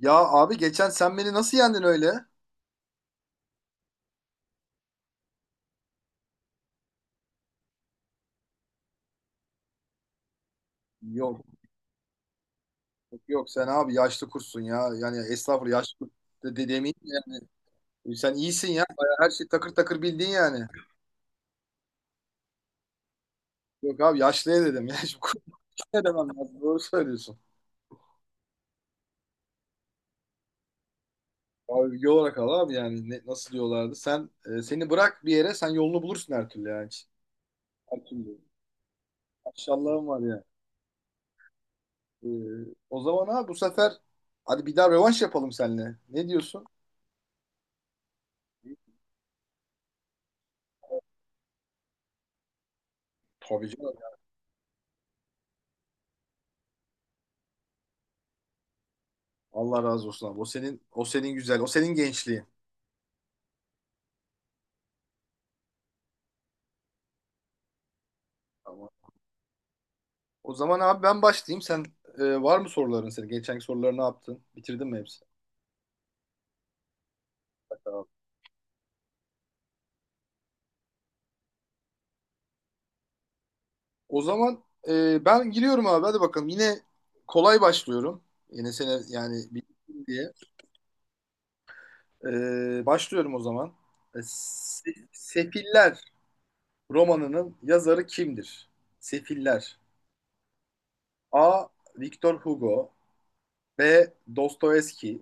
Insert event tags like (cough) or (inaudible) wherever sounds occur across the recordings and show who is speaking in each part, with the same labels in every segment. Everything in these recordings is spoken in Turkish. Speaker 1: Ya abi geçen sen beni nasıl yendin öyle? Yok. Yok sen abi yaşlı kursun ya. Yani estağfurullah yaşlı kurt de demeyeyim yani. Sen iyisin ya. Bayağı her şey takır takır bildin yani. Yok abi yaşlıya dedim ya. (laughs) Şimdi kurt ne demem lazım. Doğru söylüyorsun. Abi yol olarak al abi yani ne, nasıl diyorlardı. Sen seni bırak bir yere sen yolunu bulursun her türlü yani. Her türlü. Maşallahım var ya. E, O zaman abi bu sefer hadi bir daha rövanş yapalım seninle. Ne diyorsun? Tabii canım. Allah razı olsun abi. O senin, o senin güzel. O senin gençliğin. Ama o zaman abi ben başlayayım. Sen var mı soruların senin? Geçenki soruları ne yaptın? Bitirdin mi hepsini? Bak abi. O zaman ben giriyorum abi. Hadi bakalım. Yine kolay başlıyorum. Yine sene yani bildim diye. Başlıyorum o zaman. Sefiller romanının yazarı kimdir? Sefiller. A. Victor Hugo. B. Dostoyevski.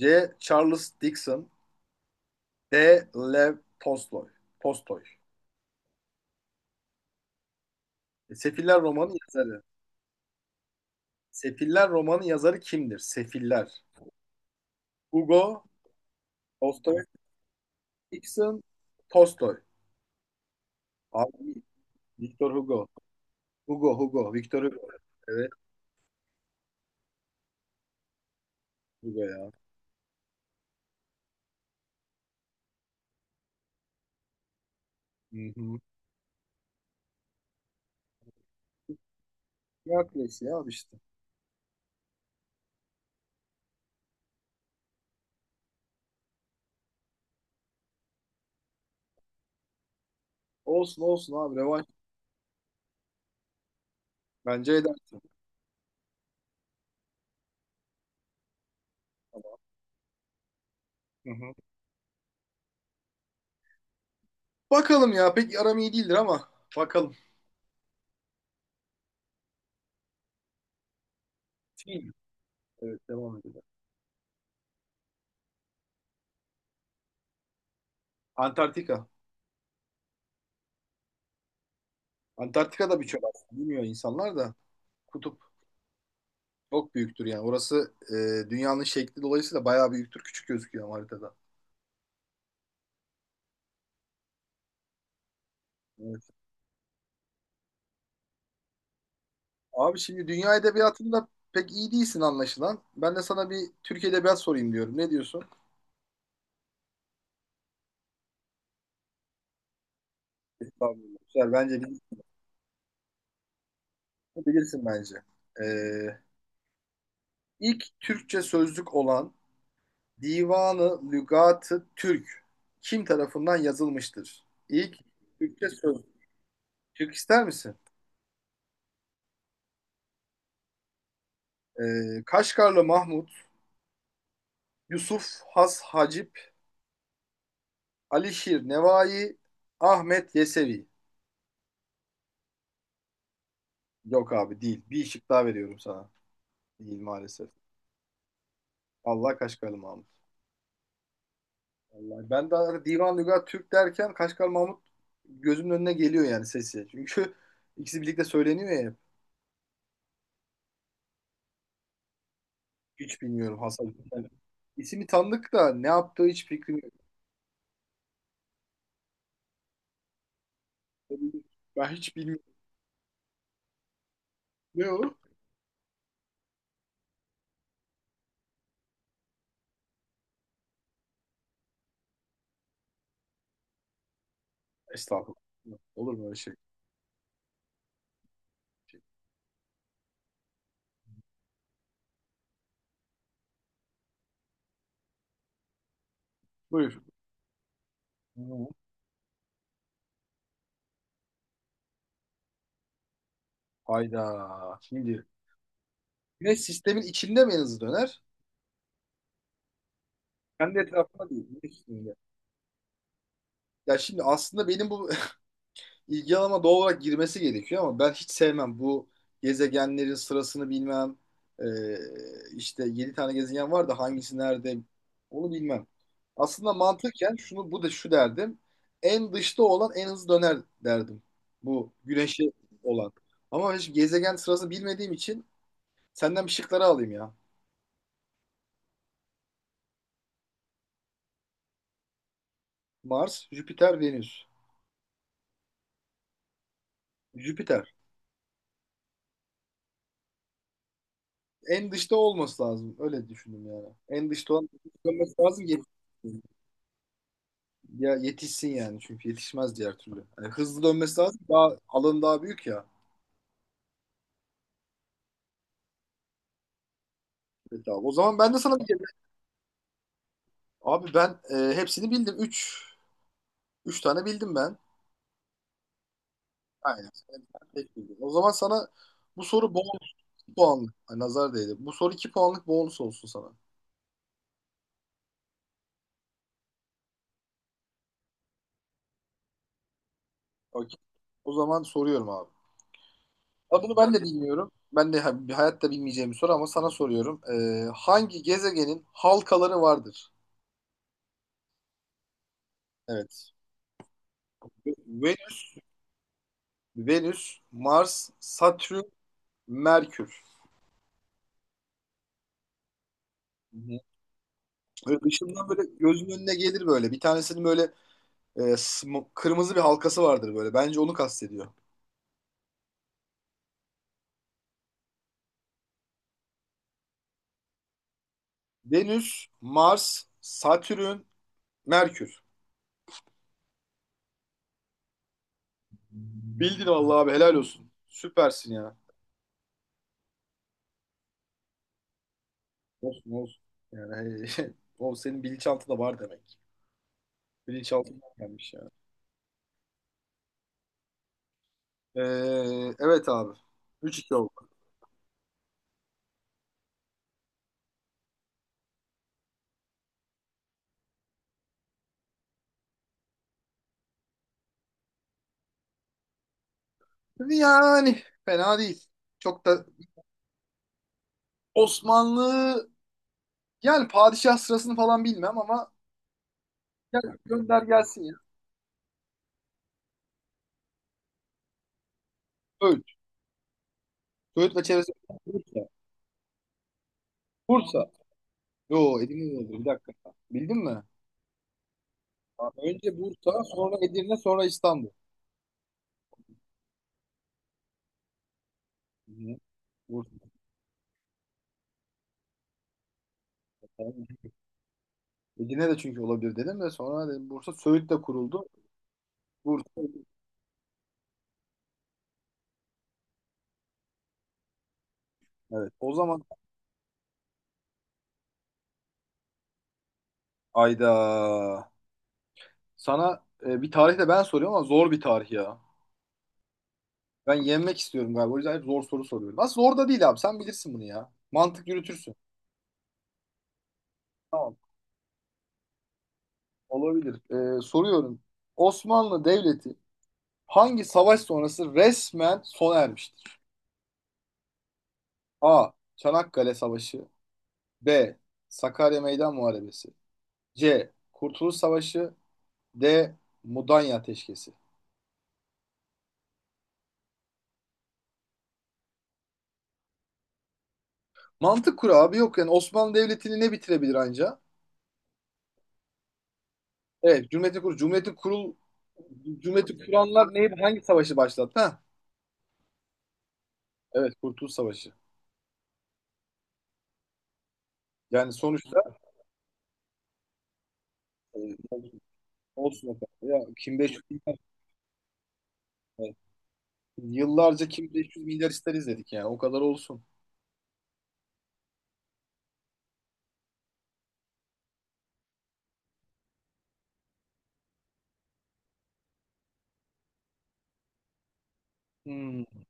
Speaker 1: C. Charles Dickens. D. Lev Tolstoy. Tolstoy. Sefiller romanı yazarı. Sefiller romanı yazarı kimdir? Sefiller. Hugo, Dostoyevskison, Tolstoy. Abi, Victor Hugo. Victor Hugo. Evet, Hugo ya. Hı hı. Hercules ya abi işte. Olsun olsun abi revanş. Bence edersin. Hı hı. Bakalım ya. Pek aram iyi değildir ama. Bakalım. Film. Evet, devam edelim. Antarktika. Antarktika'da bir çöl aslında. Bilmiyor insanlar da. Kutup. Çok büyüktür yani. Orası dünyanın şekli dolayısıyla bayağı büyüktür. Küçük gözüküyor ama haritada. Evet. Abi şimdi dünya edebiyatında pek iyi değilsin anlaşılan. Ben de sana bir Türk edebiyat sorayım diyorum. Ne diyorsun? Estağfurullah. Güzel. Bilirsin bence. E, ilk Türkçe sözlük olan Divanı Lügat-ı Türk kim tarafından yazılmıştır? İlk Türkçe sözlük. Türk ister misin? Kaşgarlı Mahmut, Yusuf Has Hacip, Alişir Nevai, Ahmet Yesevi. Yok abi değil. Bir şık daha veriyorum sana. Değil maalesef. Allah Kaşgarlı Mahmut. Vallahi ben de Divan Lügat Türk derken Kaşgarlı Mahmut gözümün önüne geliyor yani sesi. Çünkü (laughs) ikisi birlikte söyleniyor ya hep. Hiç bilmiyorum Hasan. Yani ismi tanıdık da ne yaptığı hiç fikrim yok. Ben hiç bilmiyorum. Ne o? Estağfurullah. Olur mu öyle şey? Şey. Buyur. Hı. Hayda. Şimdi güneş sistemin içinde mi en hızlı döner? Kendi etrafında değil. Güneş sisteminde. Ya şimdi aslında benim bu (laughs) ilgi alanıma doğal olarak girmesi gerekiyor ama ben hiç sevmem bu gezegenlerin sırasını bilmem. İşte 7 tane gezegen var da hangisi nerede onu bilmem. Aslında mantıken şunu bu da şu derdim. En dışta olan en hızlı döner derdim. Bu güneşi olan. Ama hiç gezegen sırasını bilmediğim için senden bir şıkları alayım ya. Mars, Jüpiter, Venüs. Jüpiter. En dışta olması lazım. Öyle düşündüm yani. En dışta olan dönmesi lazım. Ya yetişsin yani çünkü yetişmez diğer türlü. Yani hızlı dönmesi lazım. Daha alanı daha büyük ya. Evet abi. O zaman ben de sana bir. Abi ben hepsini bildim. Üç tane bildim ben. Aynen. Ben tek bildim. O zaman sana bu soru bonus puanlık. Ay, nazar değdi. Bu soru iki puanlık bonus olsun sana. Okey. O zaman soruyorum abi. Abi bunu ben de bilmiyorum. Hayatta bilmeyeceğim bir soru ama sana soruyorum. Hangi gezegenin halkaları vardır? Evet. Venüs, Venüs, Mars, Satürn, Merkür. Böyle dışından böyle gözün önüne gelir böyle. Bir tanesinin böyle kırmızı bir halkası vardır böyle. Bence onu kastediyor. Venüs, Mars, Satürn, Merkür. Bildin vallahi abi, helal olsun. Süpersin ya. Olsun olsun. Yani (laughs) o senin bilinçaltı da var demek. Bilinçaltından gelmiş yani. Evet abi. 3-2 oldu. Yani fena değil. Çok da Osmanlı yani padişah sırasını falan bilmem ama. Gel, gönder gelsin ya. Öğüt. Öğüt ve çevresi. Bursa. Bursa. Yo Edirne oldu. Bir dakika. Bildin mi? Ha, önce Bursa, sonra Edirne, sonra İstanbul. Hı hı. Bursa. Tamam. Edirne de çünkü olabilir dedim de sonra dedim Bursa Söğüt de kuruldu. Bursa. Evet. O zaman ayda sana bir tarih de ben soruyorum ama zor bir tarih ya. Ben yenmek istiyorum galiba. O yüzden hep zor soru soruyorum. Aslında zor da değil abi. Sen bilirsin bunu ya. Mantık yürütürsün. Tamam. Olabilir. Soruyorum. Osmanlı Devleti hangi savaş sonrası resmen sona ermiştir? A. Çanakkale Savaşı. B. Sakarya Meydan Muharebesi. C. Kurtuluş Savaşı. D. Mudanya Ateşkesi. Mantık kuralı abi, yok yani Osmanlı Devleti'ni ne bitirebilir anca? Evet, Cumhuriyeti kuranlar neyi, hangi savaşı başlattı? Ha? Evet, Kurtuluş Savaşı. Yani sonuçta e, olsun o kadar. Ya kim 500 milyar- Yıllarca kim 500 milyar ister izledik yani, o kadar olsun. Hmm. Hı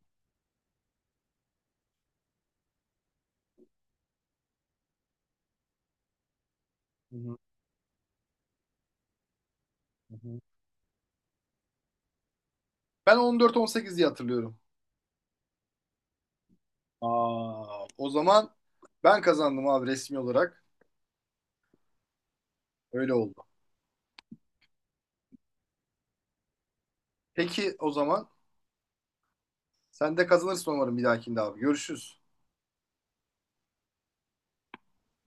Speaker 1: hı. Hı hı. Ben 14-18 diye hatırlıyorum. Aa, o zaman ben kazandım abi resmi olarak. Öyle oldu. Peki o zaman sen de kazanırsın umarım bir dahakinde abi. Görüşürüz.